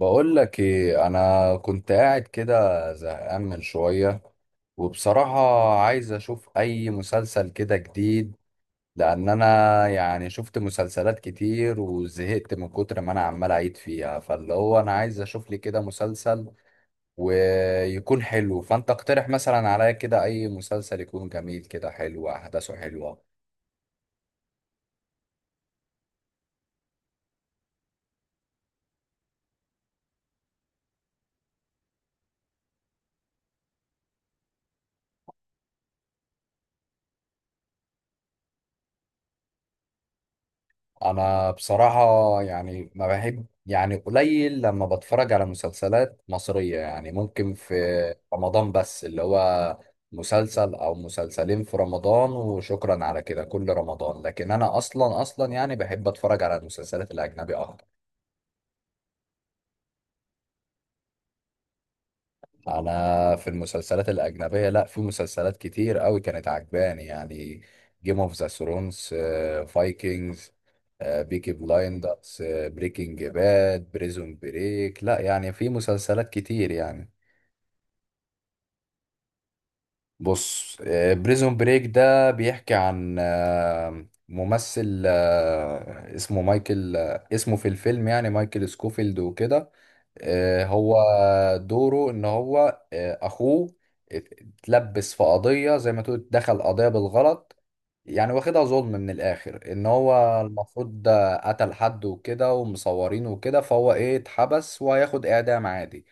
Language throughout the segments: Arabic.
بقول لك ايه، انا كنت قاعد كده زهقان من شويه. وبصراحه عايز اشوف اي مسلسل كده جديد، لان انا يعني شفت مسلسلات كتير وزهقت من كتر ما انا عمال اعيد فيها. فاللي هو انا عايز اشوف لي كده مسلسل ويكون حلو. فانت اقترح مثلا عليا كده اي مسلسل يكون جميل كده، حلو احداثه حلوه. انا بصراحة يعني ما بحب، يعني قليل لما بتفرج على مسلسلات مصرية. يعني ممكن في رمضان بس، اللي هو مسلسل او مسلسلين في رمضان وشكرا على كده كل رمضان. لكن انا اصلا يعني بحب اتفرج على المسلسلات الاجنبية اكتر. انا في المسلسلات الاجنبيه، لا، في مسلسلات كتير قوي كانت عجباني يعني: جيم اوف ذا ثرونز، فايكنجز، بيكي بلايندرز، بريكنج باد، بريزون بريك. لا يعني في مسلسلات كتير يعني. بص، بريزون بريك ده بيحكي عن ممثل، اسمه مايكل، اسمه في الفيلم يعني مايكل سكوفيلد وكده. هو دوره ان هو اخوه اتلبس في قضية، زي ما تقول دخل قضية بالغلط. يعني واخدها ظلم من الاخر، ان هو المفروض ده قتل حد وكده ومصورينه وكده، فهو ايه، اتحبس وهياخد اعدام عادي.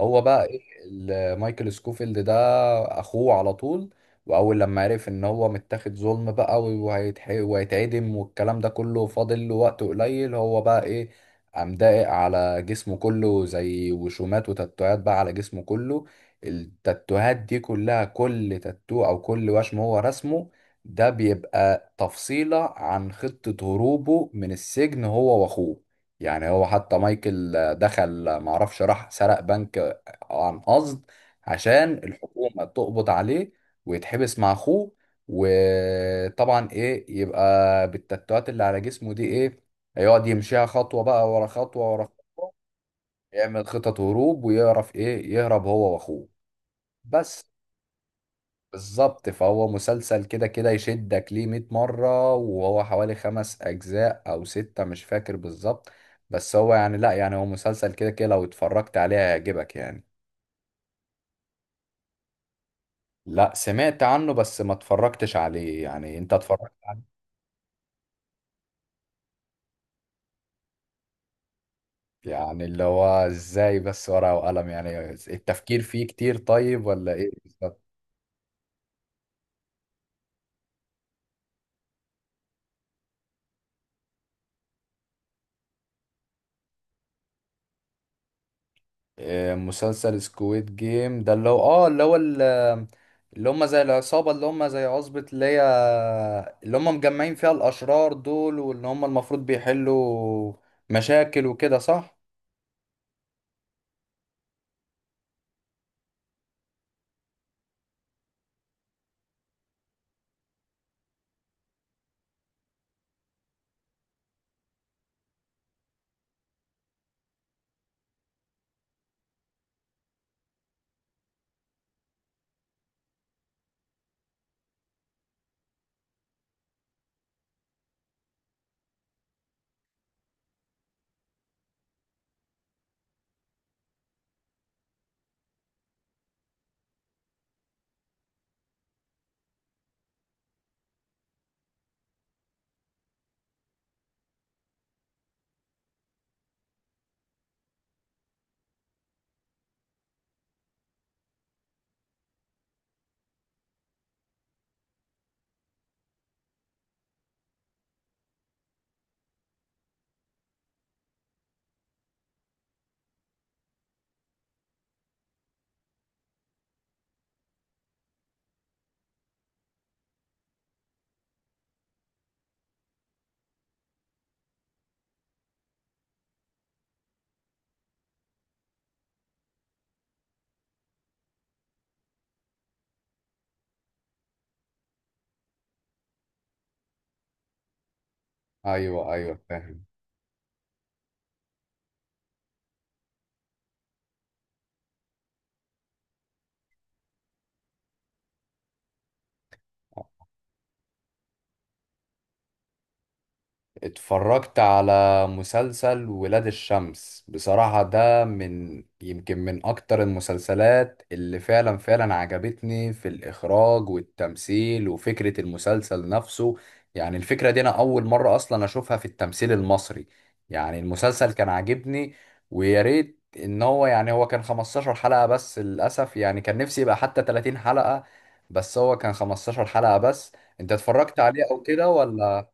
هو بقى ايه، مايكل سكوفيلد ده اخوه على طول. واول لما عرف ان هو متاخد ظلم بقى وهيتعدم والكلام ده كله، فاضل له وقت قليل. هو بقى ايه، قام داقق على جسمه كله زي وشومات وتاتوهات بقى على جسمه كله. التاتوهات دي كلها، كل تاتو او كل وشم هو رسمه، ده بيبقى تفصيلة عن خطة هروبه من السجن هو واخوه. يعني هو حتى مايكل دخل معرفش راح سرق بنك عن قصد، عشان الحكومة تقبض عليه ويتحبس مع اخوه. وطبعا ايه يبقى بالتاتوهات اللي على جسمه دي ايه، يقعد يمشيها خطوة بقى ورا خطوة ورا خطوة. يعمل خطط هروب ويعرف ايه يهرب هو واخوه بس. بالظبط، فهو مسلسل كده كده يشدك ليه 100 مرة. وهو حوالي خمس أجزاء أو ستة مش فاكر بالظبط. بس هو يعني، لا يعني هو مسلسل كده كده لو اتفرجت عليه هيعجبك يعني. لا، سمعت عنه بس ما اتفرجتش عليه. يعني انت اتفرجت عليه؟ يعني اللي هو ازاي بس، ورقة وقلم؟ يعني التفكير فيه كتير طيب ولا ايه؟ مسلسل سكويد جيم ده اللي هو، اه اللي هو اللي هم زي العصابة، اللي هم زي عصبة اللي هي اللي هم مجمعين فيها الأشرار دول، واللي هم المفروض بيحلوا مشاكل وكده، صح؟ ايوه ايوه، فاهم. اتفرجت على مسلسل ولاد الشمس بصراحة. ده من يمكن من أكتر المسلسلات اللي فعلا عجبتني، في الإخراج والتمثيل وفكرة المسلسل نفسه. يعني الفكرة دي أنا أول مرة أصلا أشوفها في التمثيل المصري. يعني المسلسل كان عاجبني. ويا ريت إن هو، يعني هو كان 15 حلقة بس للأسف، يعني كان نفسي يبقى حتى 30 حلقة. بس هو كان 15 حلقة بس. أنت اتفرجت عليه أو كده ولا؟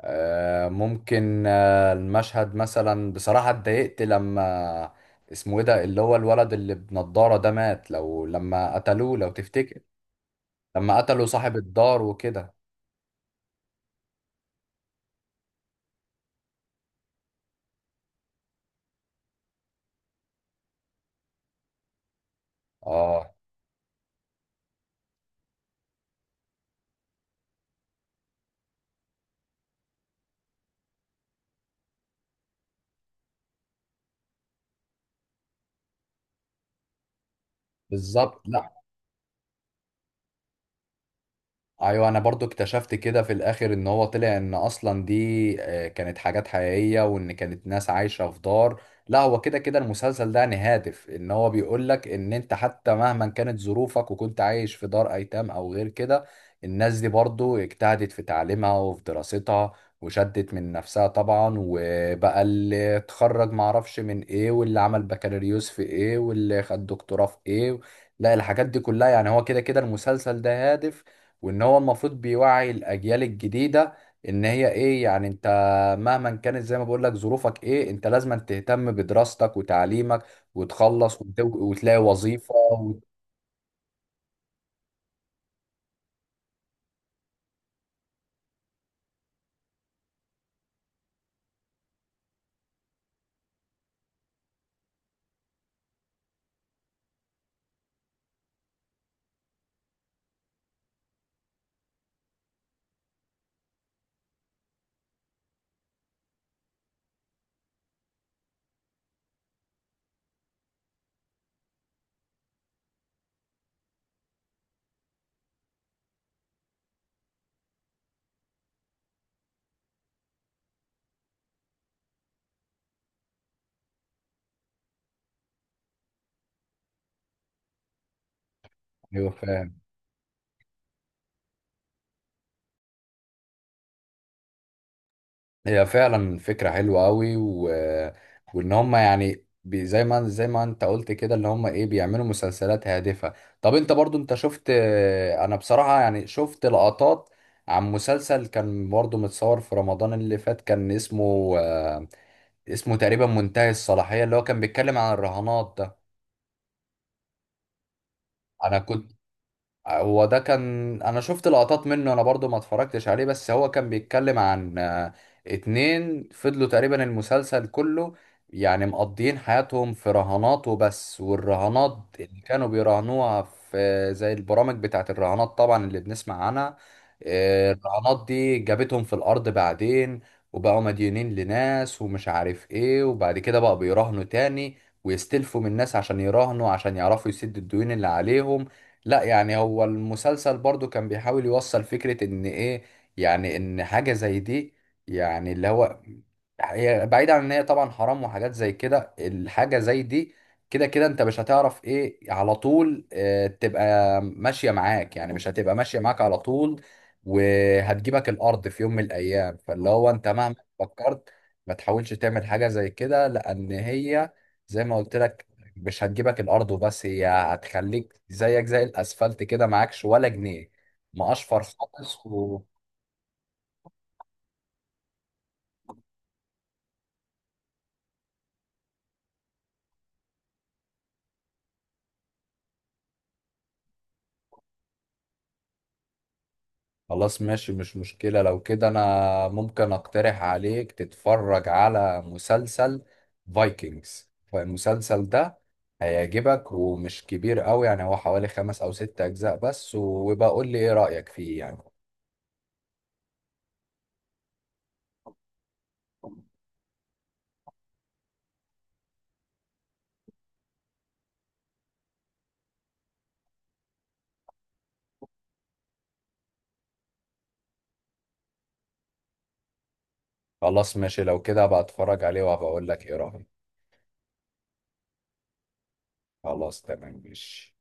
ممكن المشهد مثلا، بصراحة اتضايقت لما، اسمه ايه ده اللي هو الولد اللي بنضارة ده، مات لو، لما قتلوه، لو تفتكر. لما قتلوا صاحب الدار وكده. اه، بالظبط. لا، ايوه، انا برضو اكتشفت كده في الاخر ان هو طلع ان اصلا دي كانت حاجات حقيقية، وان كانت ناس عايشة في دار. لا هو كده كده المسلسل ده يعني هادف، ان هو بيقول لك ان انت حتى مهما كانت ظروفك وكنت عايش في دار ايتام او غير كده، الناس دي برضو اجتهدت في تعليمها وفي دراستها وشدت من نفسها طبعا. وبقى اللي اتخرج معرفش من ايه، واللي عمل بكالوريوس في ايه، واللي خد دكتوراه في ايه. لا، الحاجات دي كلها يعني، هو كده كده المسلسل ده هادف. وان هو المفروض بيوعي الاجيال الجديده ان هي ايه، يعني انت مهما كانت زي ما بقول لك ظروفك ايه، انت لازم تهتم بدراستك وتعليمك وتخلص، وتلاقي وظيفه ايوه فاهم. هي فعلا فكره حلوه قوي. و... وان هم يعني، زي ما انت قلت كده، اللي هم ايه، بيعملوا مسلسلات هادفه. طب انت برضو انت شفت، انا بصراحه يعني شفت لقطات عن مسلسل كان برضو متصور في رمضان اللي فات. كان اسمه، اسمه تقريبا منتهي الصلاحية، اللي هو كان بيتكلم عن الرهانات ده. أنا كنت، هو ده كان، انا شفت لقطات منه، انا برضو ما اتفرجتش عليه. بس هو كان بيتكلم عن اتنين فضلوا تقريبا المسلسل كله يعني مقضيين حياتهم في رهانات وبس. والرهانات اللي كانوا بيراهنوها في زي البرامج بتاعت الرهانات طبعا اللي بنسمع عنها. الرهانات دي جابتهم في الارض بعدين، وبقوا مديونين لناس ومش عارف ايه. وبعد كده بقى بيراهنوا تاني ويستلفوا من الناس عشان يراهنوا، عشان يعرفوا يسدوا الديون اللي عليهم. لا يعني هو المسلسل برضو كان بيحاول يوصل فكرة ان ايه، يعني ان حاجة زي دي، يعني اللي هو هي بعيد عن ان هي طبعا حرام وحاجات زي كده، الحاجة زي دي كده كده انت مش هتعرف ايه على طول. اه تبقى ماشية معاك يعني، مش هتبقى ماشية معاك على طول، وهتجيبك الارض في يوم من الايام. فاللي هو انت مهما فكرت ما تحاولش تعمل حاجة زي كده، لان هي زي ما قلت لك، مش هتجيبك الارض وبس، هي هتخليك زيك زي الاسفلت كده، معكش ولا جنيه، مقشفر خالص. و... خلاص ماشي، مش مشكلة. لو كده انا ممكن اقترح عليك تتفرج على مسلسل فايكنجز. فالمسلسل ده هيعجبك ومش كبير قوي، يعني هو حوالي خمس او ست اجزاء بس. وبقى قول لي ايه رأيك فيه يعني. خلاص ماشي، لو كده بقى اتفرج عليه، وهبقى اقول لك ايه رأيي. خلاص تمام ماشي.